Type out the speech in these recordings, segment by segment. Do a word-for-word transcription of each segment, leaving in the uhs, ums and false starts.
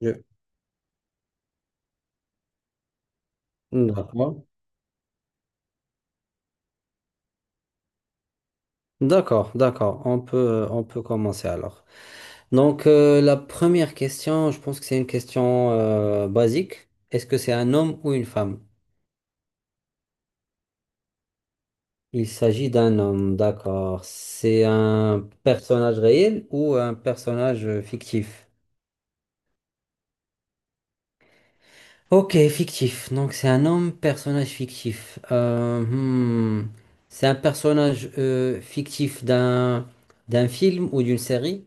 Je- D'accord. D'accord, d'accord. On peut, on peut commencer alors. Donc, euh, la première question, je pense que c'est une question euh, basique. Est-ce que c'est un homme ou une femme? Il s'agit d'un homme, d'accord. C'est un personnage réel ou un personnage euh, fictif? Ok, fictif. Donc, c'est un homme, personnage fictif. Euh, hmm. C'est un personnage euh, fictif d'un d'un film ou d'une série?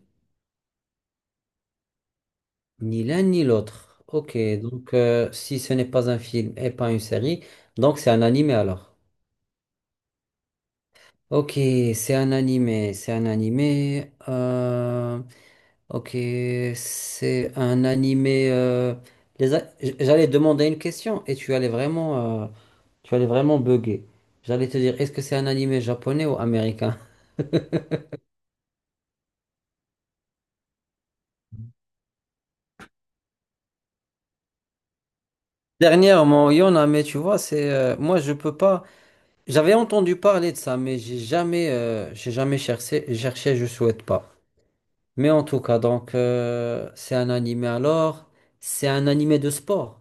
Ni l'un ni l'autre. Ok, donc euh, si ce n'est pas un film et pas une série, donc c'est un animé alors. Ok, c'est un animé, c'est un animé. euh, ok, c'est un animé. euh, les a- j- J'allais demander une question et tu allais vraiment, euh, tu allais vraiment bugger. J'allais te dire, est-ce que c'est un animé japonais ou américain? Dernièrement, il y en a, mais tu vois, c'est euh, moi je peux pas. J'avais entendu parler de ça, mais j'ai jamais, euh, j'ai jamais cherché, cherché, je souhaite pas. Mais en tout cas, donc, euh, c'est un animé alors, c'est un animé de sport.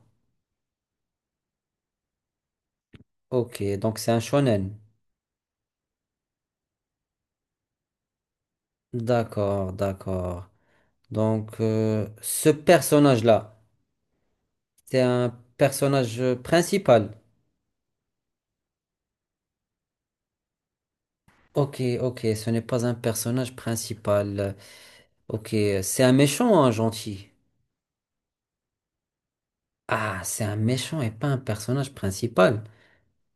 Ok, donc c'est un shonen. D'accord, d'accord. Donc, euh, ce personnage-là, c'est un personnage euh, principal. Ok, ok, ce n'est pas un personnage principal. Ok, c'est un méchant, ou un gentil. Ah, c'est un méchant et pas un personnage principal.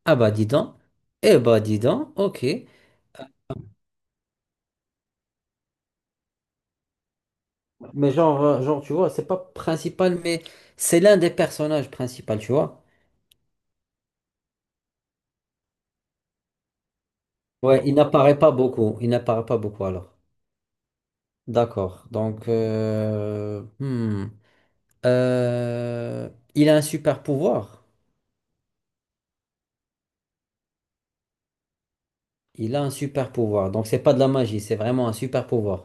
Ah bah dis donc. Eh bah dis donc, ok. Mais genre, euh, genre tu vois, c'est pas principal, mais c'est l'un des personnages principaux, tu vois. Ouais, il n'apparaît pas beaucoup. Il n'apparaît pas beaucoup alors. D'accord. Donc, euh, hmm. Euh, il a un super pouvoir. Il a un super pouvoir. Donc c'est pas de la magie, c'est vraiment un super pouvoir.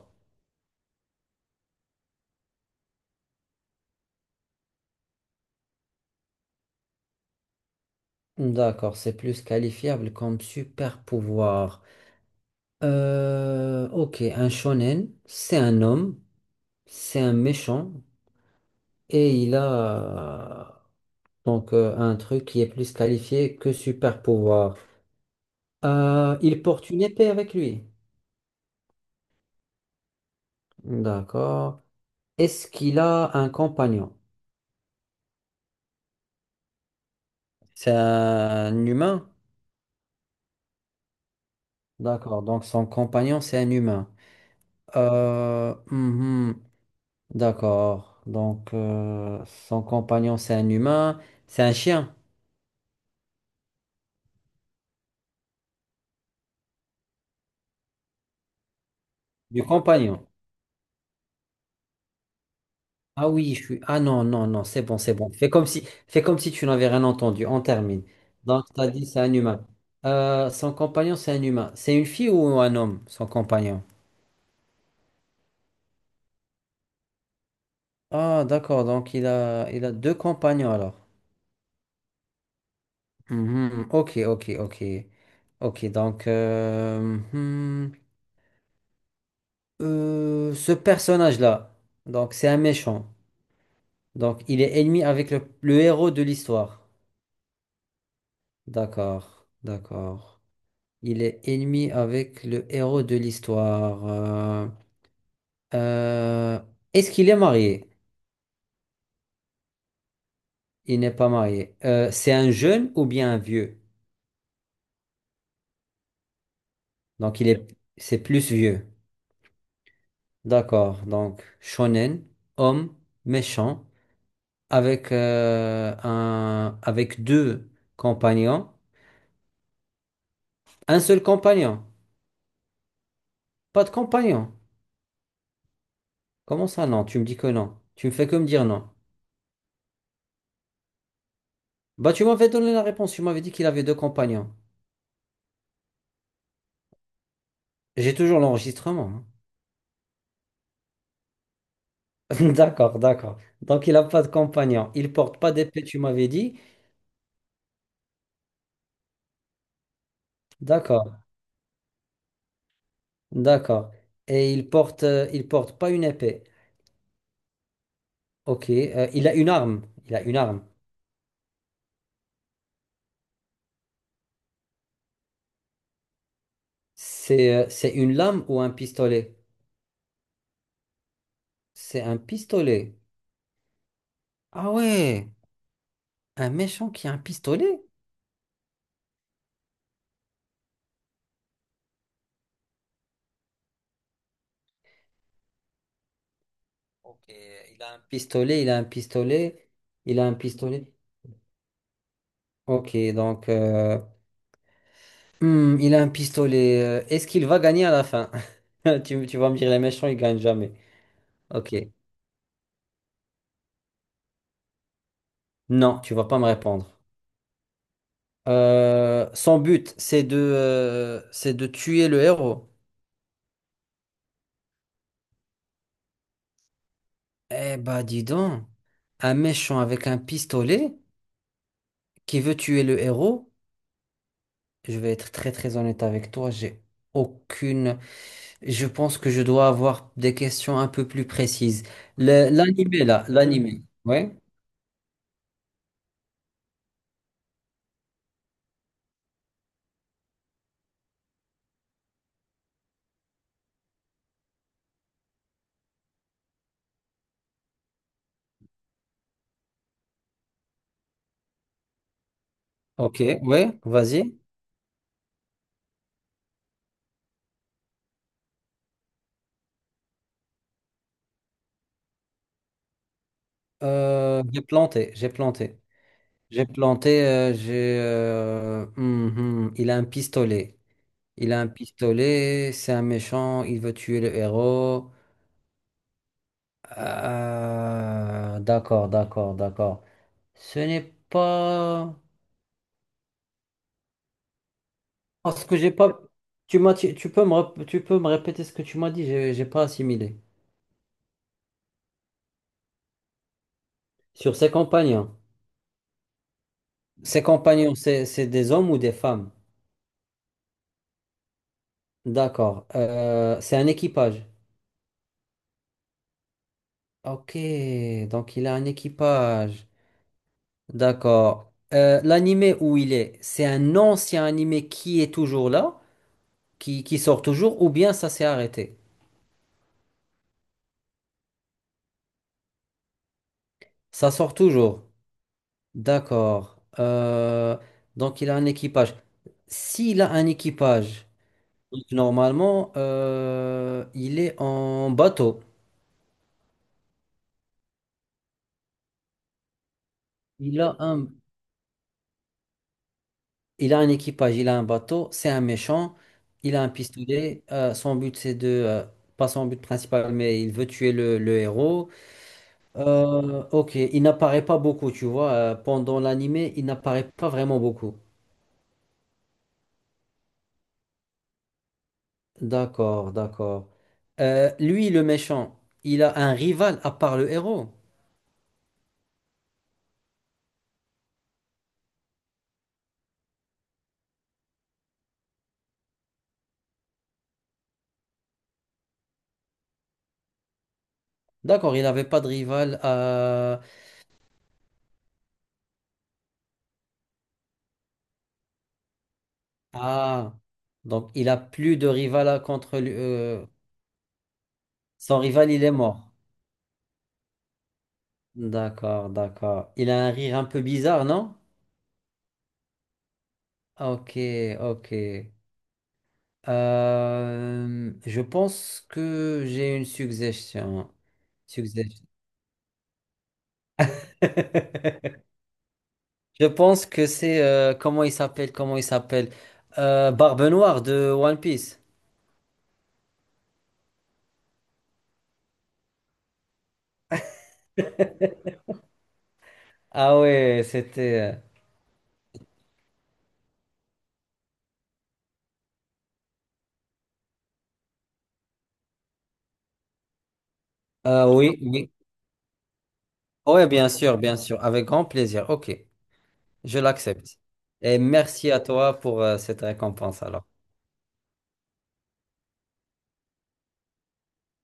D'accord, c'est plus qualifiable comme super pouvoir. Euh, ok, un shonen, c'est un homme, c'est un méchant, et il a euh, donc euh, un truc qui est plus qualifié que super pouvoir. Euh, il porte une épée avec lui. D'accord. Est-ce qu'il a un compagnon? C'est un humain? D'accord. Donc son compagnon, c'est un humain. Euh, mhm. D'accord. Donc euh, son compagnon, c'est un humain. C'est un chien du compagnon. Ah oui, je suis. Ah non, non, non, c'est bon, c'est bon. Fais comme si, fais comme si tu n'avais rien entendu. On termine. Donc, tu as dit c'est un humain. Euh, son compagnon, c'est un humain. C'est une fille ou un homme, son compagnon? Ah, d'accord. Donc, il a, il a deux compagnons alors. Mhm. Ok, ok, ok. Ok, donc, euh, hmm, euh, ce personnage-là, donc, c'est un méchant. Donc, il est ennemi avec le, le héros de l'histoire. D'accord, d'accord. Il est ennemi avec le héros de l'histoire. Euh, euh, est-ce qu'il est marié? Il n'est pas marié. Euh, c'est un jeune ou bien un vieux? Donc il est, c'est plus vieux. D'accord. Donc shonen, homme méchant, avec euh, un, avec deux compagnons, un seul compagnon, pas de compagnon. Comment ça non? Tu me dis que non. Tu me fais que me dire non. Bah tu m'avais donné la réponse. Tu m'avais dit qu'il avait deux compagnons. J'ai toujours l'enregistrement, hein. D'accord, d'accord. Donc, il n'a pas de compagnon. Il porte pas d'épée, tu m'avais dit. D'accord, d'accord. Et il porte, euh, il porte pas une épée. Ok. euh, il a une arme. Il a une arme. C'est, euh, c'est une lame ou un pistolet? C'est un pistolet. Ah ouais, un méchant qui a un pistolet? Ok, il a un pistolet, il a un pistolet, il a un pistolet. Ok, donc, euh, hmm, il a un pistolet. euh, Est-ce qu'il va gagner à la fin? Tu, tu vas me dire, les méchants, ils gagnent jamais. Ok. Non, tu vas pas me répondre. Euh, son but, c'est de, euh, c'est de tuer le héros. Eh bah dis donc, un méchant avec un pistolet qui veut tuer le héros, je vais être très très honnête avec toi, j'ai aucune... Je pense que je dois avoir des questions un peu plus précises. Le- L'animé là, l'animé. Ouais, ok, ouais, vas-y. Euh, j'ai planté, j'ai planté. J'ai planté, euh, j'ai... euh, hum, hum, il a un pistolet. Il a un pistolet, c'est un méchant, il veut tuer le héros. Ah, d'accord, d'accord, d'accord. Ce n'est pas... Parce que j'ai pas... Tu m'as... Tu tu peux me... rep- Tu peux me répéter ce que tu m'as dit, j'ai j'ai pas assimilé. Sur ses compagnons. Ses compagnons, c'est c'est des hommes ou des femmes? D'accord. Euh, c'est un équipage. Ok, donc il a un équipage. D'accord. Euh, l'animé où il est, c'est un ancien animé qui est toujours là? Qui, qui sort toujours ou bien ça s'est arrêté? Ça sort toujours. D'accord. Euh, donc il a un équipage. S'il a un équipage, donc normalement, euh, il est en bateau. Il a un, il a un équipage, il a un bateau, c'est un méchant, il a un pistolet. euh, son but, c'est de... euh, pas son but principal, mais il veut tuer le, le héros. Euh, ok, il n'apparaît pas beaucoup, tu vois. euh, pendant l'animé, il n'apparaît pas vraiment beaucoup. D'accord, d'accord. Euh, lui, le méchant, il a un rival à part le héros. D'accord, il n'avait pas de rival à... Ah, donc il a plus de rival à- contre lui. euh, Son rival, il est mort. D'accord, d'accord. Il a un rire un peu bizarre, non? Ok, ok. Euh, je pense que j'ai une suggestion. Suggestion. Je pense que c'est... euh, comment il s'appelle? Comment il s'appelle? Euh, Barbe Noire de One Piece. Ah ouais, c'était... euh, oui, oui. Oui, ouais, bien sûr, bien sûr. Avec grand plaisir. Ok, je l'accepte. Et merci à toi pour euh, cette récompense alors.